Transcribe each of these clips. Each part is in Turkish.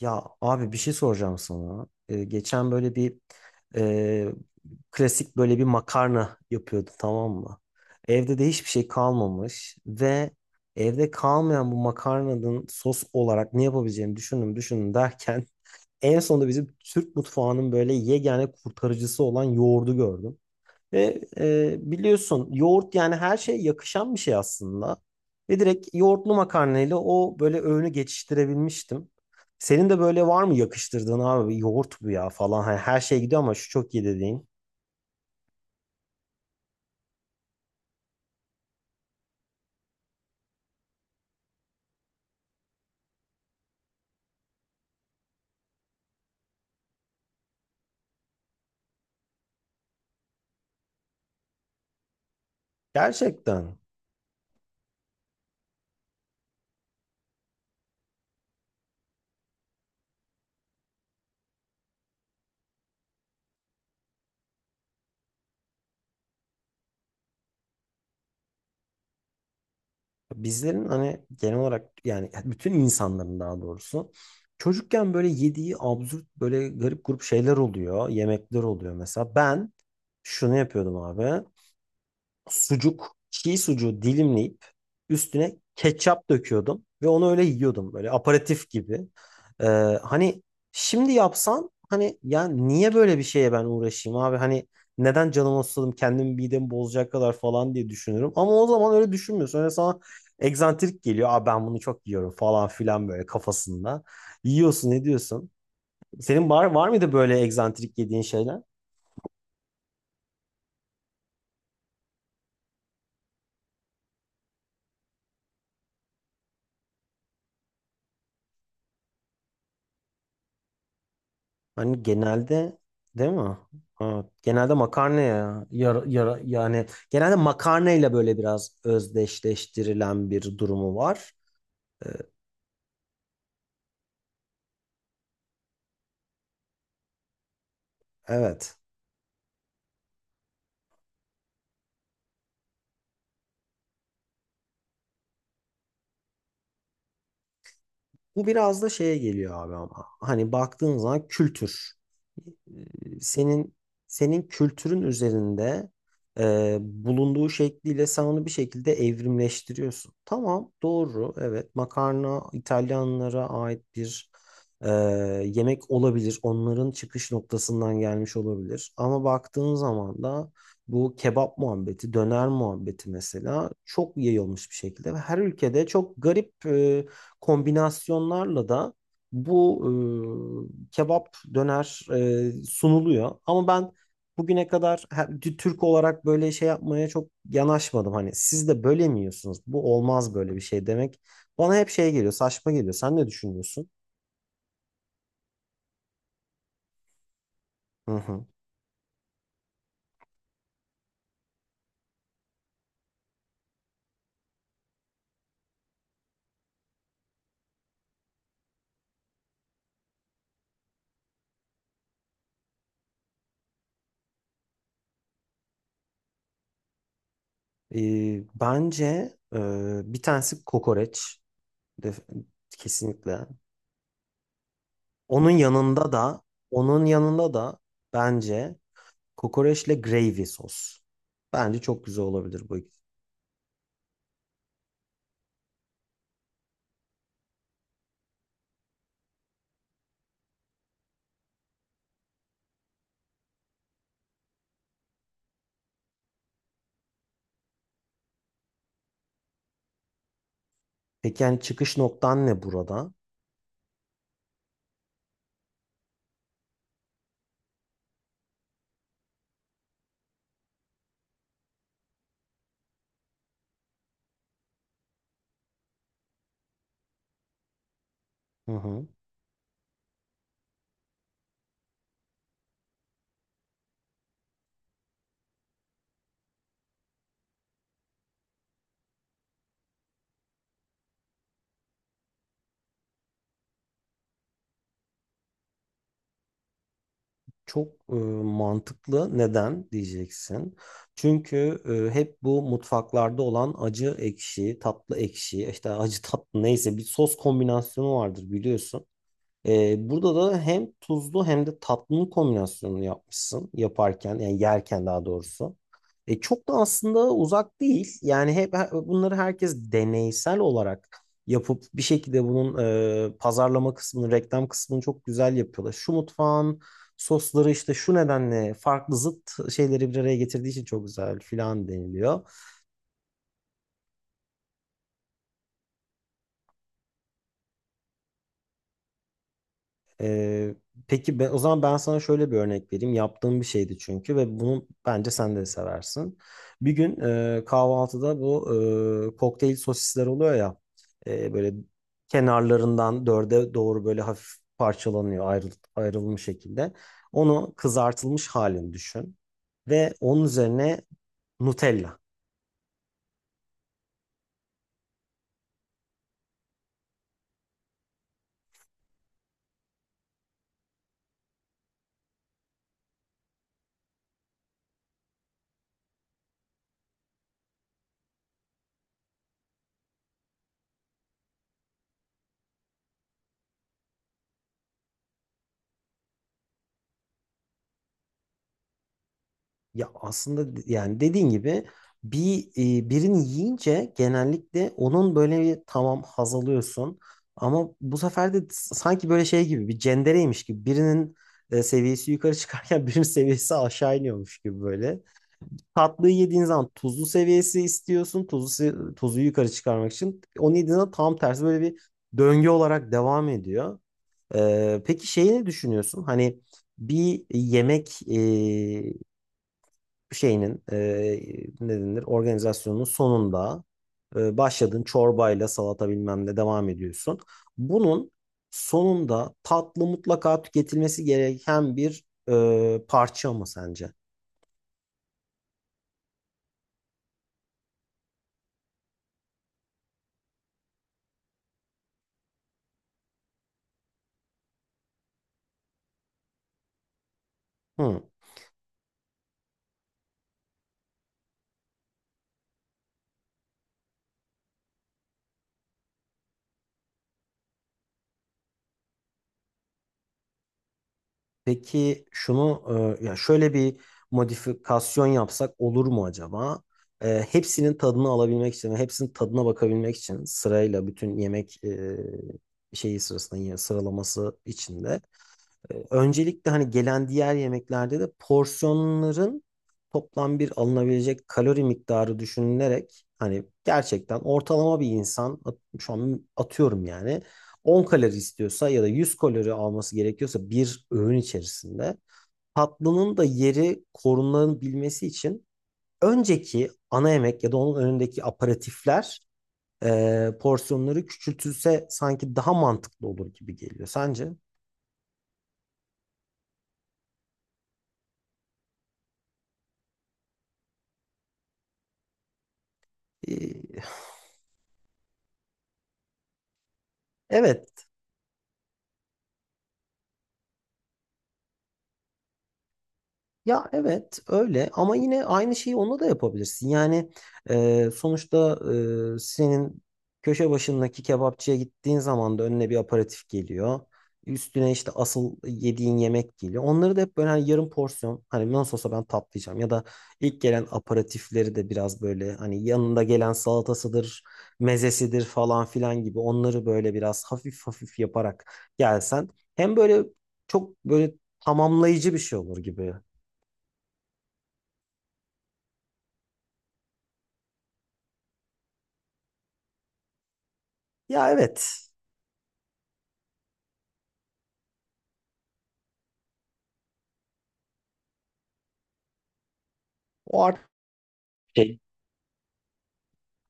Ya abi bir şey soracağım sana. Geçen böyle bir e, klasik böyle bir makarna yapıyordu, tamam mı? Evde de hiçbir şey kalmamış ve evde kalmayan bu makarnanın sos olarak ne yapabileceğimi düşündüm düşündüm derken en sonunda bizim Türk mutfağının böyle yegane kurtarıcısı olan yoğurdu gördüm. Ve biliyorsun yoğurt yani her şeye yakışan bir şey aslında. Ve direkt yoğurtlu makarnayla o böyle öğünü geçiştirebilmiştim. Senin de böyle var mı yakıştırdığın abi, yoğurt bu ya falan. Hani her şey gidiyor ama şu çok iyi dediğin. Gerçekten bizlerin hani genel olarak yani bütün insanların daha doğrusu çocukken böyle yediği absürt böyle garip grup şeyler oluyor. Yemekler oluyor mesela. Ben şunu yapıyordum abi. Sucuk, çiğ sucuğu dilimleyip üstüne ketçap döküyordum ve onu öyle yiyordum böyle aperatif gibi. Ee, hani şimdi yapsam hani ya niye böyle bir şeye ben uğraşayım abi, hani neden canımı sıkıldım kendimi midemi bozacak kadar falan diye düşünürüm ama o zaman öyle düşünmüyorsun. Öyle sana egzantrik geliyor. Aa, ben bunu çok yiyorum falan filan böyle kafasında. Yiyorsun, ne diyorsun? Senin var mıydı böyle egzantrik yediğin şeyler? Hani genelde değil mi? Evet, genelde makarna ya. Yani genelde makarnayla böyle biraz özdeşleştirilen bir durumu var. Ee, Evet. Bu biraz da şeye geliyor abi ama. Hani baktığın zaman kültür. Ee, Senin senin kültürün üzerinde bulunduğu şekliyle sen onu bir şekilde evrimleştiriyorsun. Tamam, doğru. Evet, makarna İtalyanlara ait bir e, yemek olabilir. Onların çıkış noktasından gelmiş olabilir. Ama baktığın zaman da bu kebap muhabbeti, döner muhabbeti mesela çok yayılmış bir şekilde ve her ülkede çok garip kombinasyonlarla da bu kebap döner sunuluyor. Ama ben bugüne kadar Türk olarak böyle şey yapmaya çok yanaşmadım. Hani siz de böyle mi yiyorsunuz? Bu olmaz, böyle bir şey demek. Bana hep şey geliyor, saçma geliyor. Sen ne düşünüyorsun? Hı hı. E, Bence e, bir tanesi kokoreç. Def- Kesinlikle. Onun yanında da onun yanında da bence kokoreçle gravy sos. Bence çok güzel olabilir bu. Peki yani çıkış noktan ne burada? Hı hı. Çok mantıklı. Neden diyeceksin? Çünkü hep bu mutfaklarda olan acı ekşi, tatlı ekşi, işte acı tatlı neyse bir sos kombinasyonu vardır biliyorsun. Burada da hem tuzlu hem de tatlı kombinasyonunu yapmışsın yaparken yani yerken daha doğrusu. Çok da aslında uzak değil. Yani bunları herkes deneysel olarak yapıp bir şekilde bunun pazarlama kısmını, reklam kısmını çok güzel yapıyorlar. Şu mutfağın sosları işte şu nedenle farklı zıt şeyleri bir araya getirdiği için çok güzel filan deniliyor. Ee, peki o zaman ben sana şöyle bir örnek vereyim. Yaptığım bir şeydi çünkü ve bunu bence sen de seversin. Bir gün kahvaltıda bu kokteyl sosisler oluyor ya, böyle kenarlarından dörde doğru böyle hafif parçalanıyor ayrılmış şekilde. Onu kızartılmış halini düşün ve onun üzerine Nutella. Ya aslında yani dediğin gibi bir birini yiyince genellikle onun böyle bir tamam haz alıyorsun ama bu sefer de sanki böyle şey gibi bir cendereymiş gibi birinin seviyesi yukarı çıkarken birinin seviyesi aşağı iniyormuş gibi böyle. Tatlıyı yediğin zaman tuzlu seviyesi istiyorsun. Tuzu yukarı çıkarmak için. Onu yediğin zaman tam tersi böyle bir döngü olarak devam ediyor. Peki şeyi ne düşünüyorsun? Hani bir yemek şeyinin ne denir organizasyonun sonunda başladığın çorbayla salata bilmem ne devam ediyorsun. Bunun sonunda tatlı mutlaka tüketilmesi gereken bir parça mı sence? Hı. Peki şunu, ya şöyle bir modifikasyon yapsak olur mu acaba? Hepsinin tadını alabilmek için ve hepsinin tadına bakabilmek için sırayla bütün yemek şeyi sırasında yine sıralaması içinde. Öncelikle hani gelen diğer yemeklerde de porsiyonların toplam bir alınabilecek kalori miktarı düşünülerek hani gerçekten ortalama bir insan şu an atıyorum yani 10 kalori istiyorsa ya da 100 kalori alması gerekiyorsa bir öğün içerisinde tatlının da yeri korunabilmesi için önceki ana yemek ya da onun önündeki aperatifler porsiyonları küçültülse sanki daha mantıklı olur gibi geliyor. Sence? E, Evet. Ya evet öyle, ama yine aynı şeyi onunla da yapabilirsin. Yani sonuçta senin köşe başındaki kebapçıya gittiğin zaman da önüne bir aperatif geliyor. Üstüne işte asıl yediğin yemek geliyor. Onları da hep böyle hani yarım porsiyon hani nasıl olsa ben tatlayacağım ya da ilk gelen aperatifleri de biraz böyle hani yanında gelen salatasıdır, mezesidir falan filan gibi onları böyle biraz hafif hafif yaparak gelsen hem böyle çok böyle tamamlayıcı bir şey olur gibi. Ya evet. O artık şey.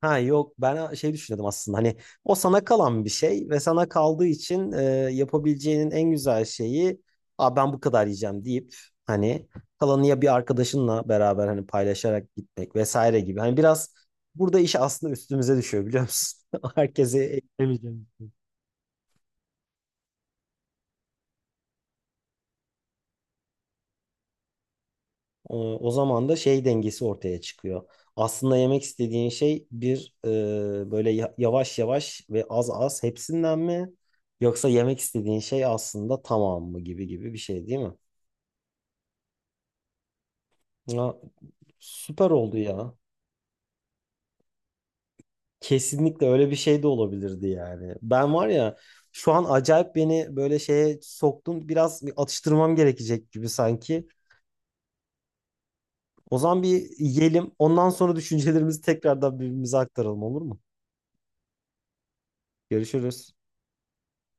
Ha yok, ben şey düşünüyordum aslında hani o sana kalan bir şey ve sana kaldığı için yapabileceğinin en güzel şeyi, aa ben bu kadar yiyeceğim deyip hani kalanı ya bir arkadaşınla beraber hani paylaşarak gitmek vesaire gibi. Hani biraz burada iş aslında üstümüze düşüyor biliyor musun? Herkese eklemeyeceğim. O zaman da şey dengesi ortaya çıkıyor. Aslında yemek istediğin şey bir, böyle yavaş yavaş ve az az hepsinden mi? Yoksa yemek istediğin şey aslında tamam mı gibi gibi bir şey değil mi? Ya, süper oldu ya. Kesinlikle öyle bir şey de olabilirdi yani. Ben var ya şu an acayip beni böyle şeye soktun. Biraz bir atıştırmam gerekecek gibi sanki. O zaman bir yiyelim. Ondan sonra düşüncelerimizi tekrardan birbirimize aktaralım, olur mu? Görüşürüz.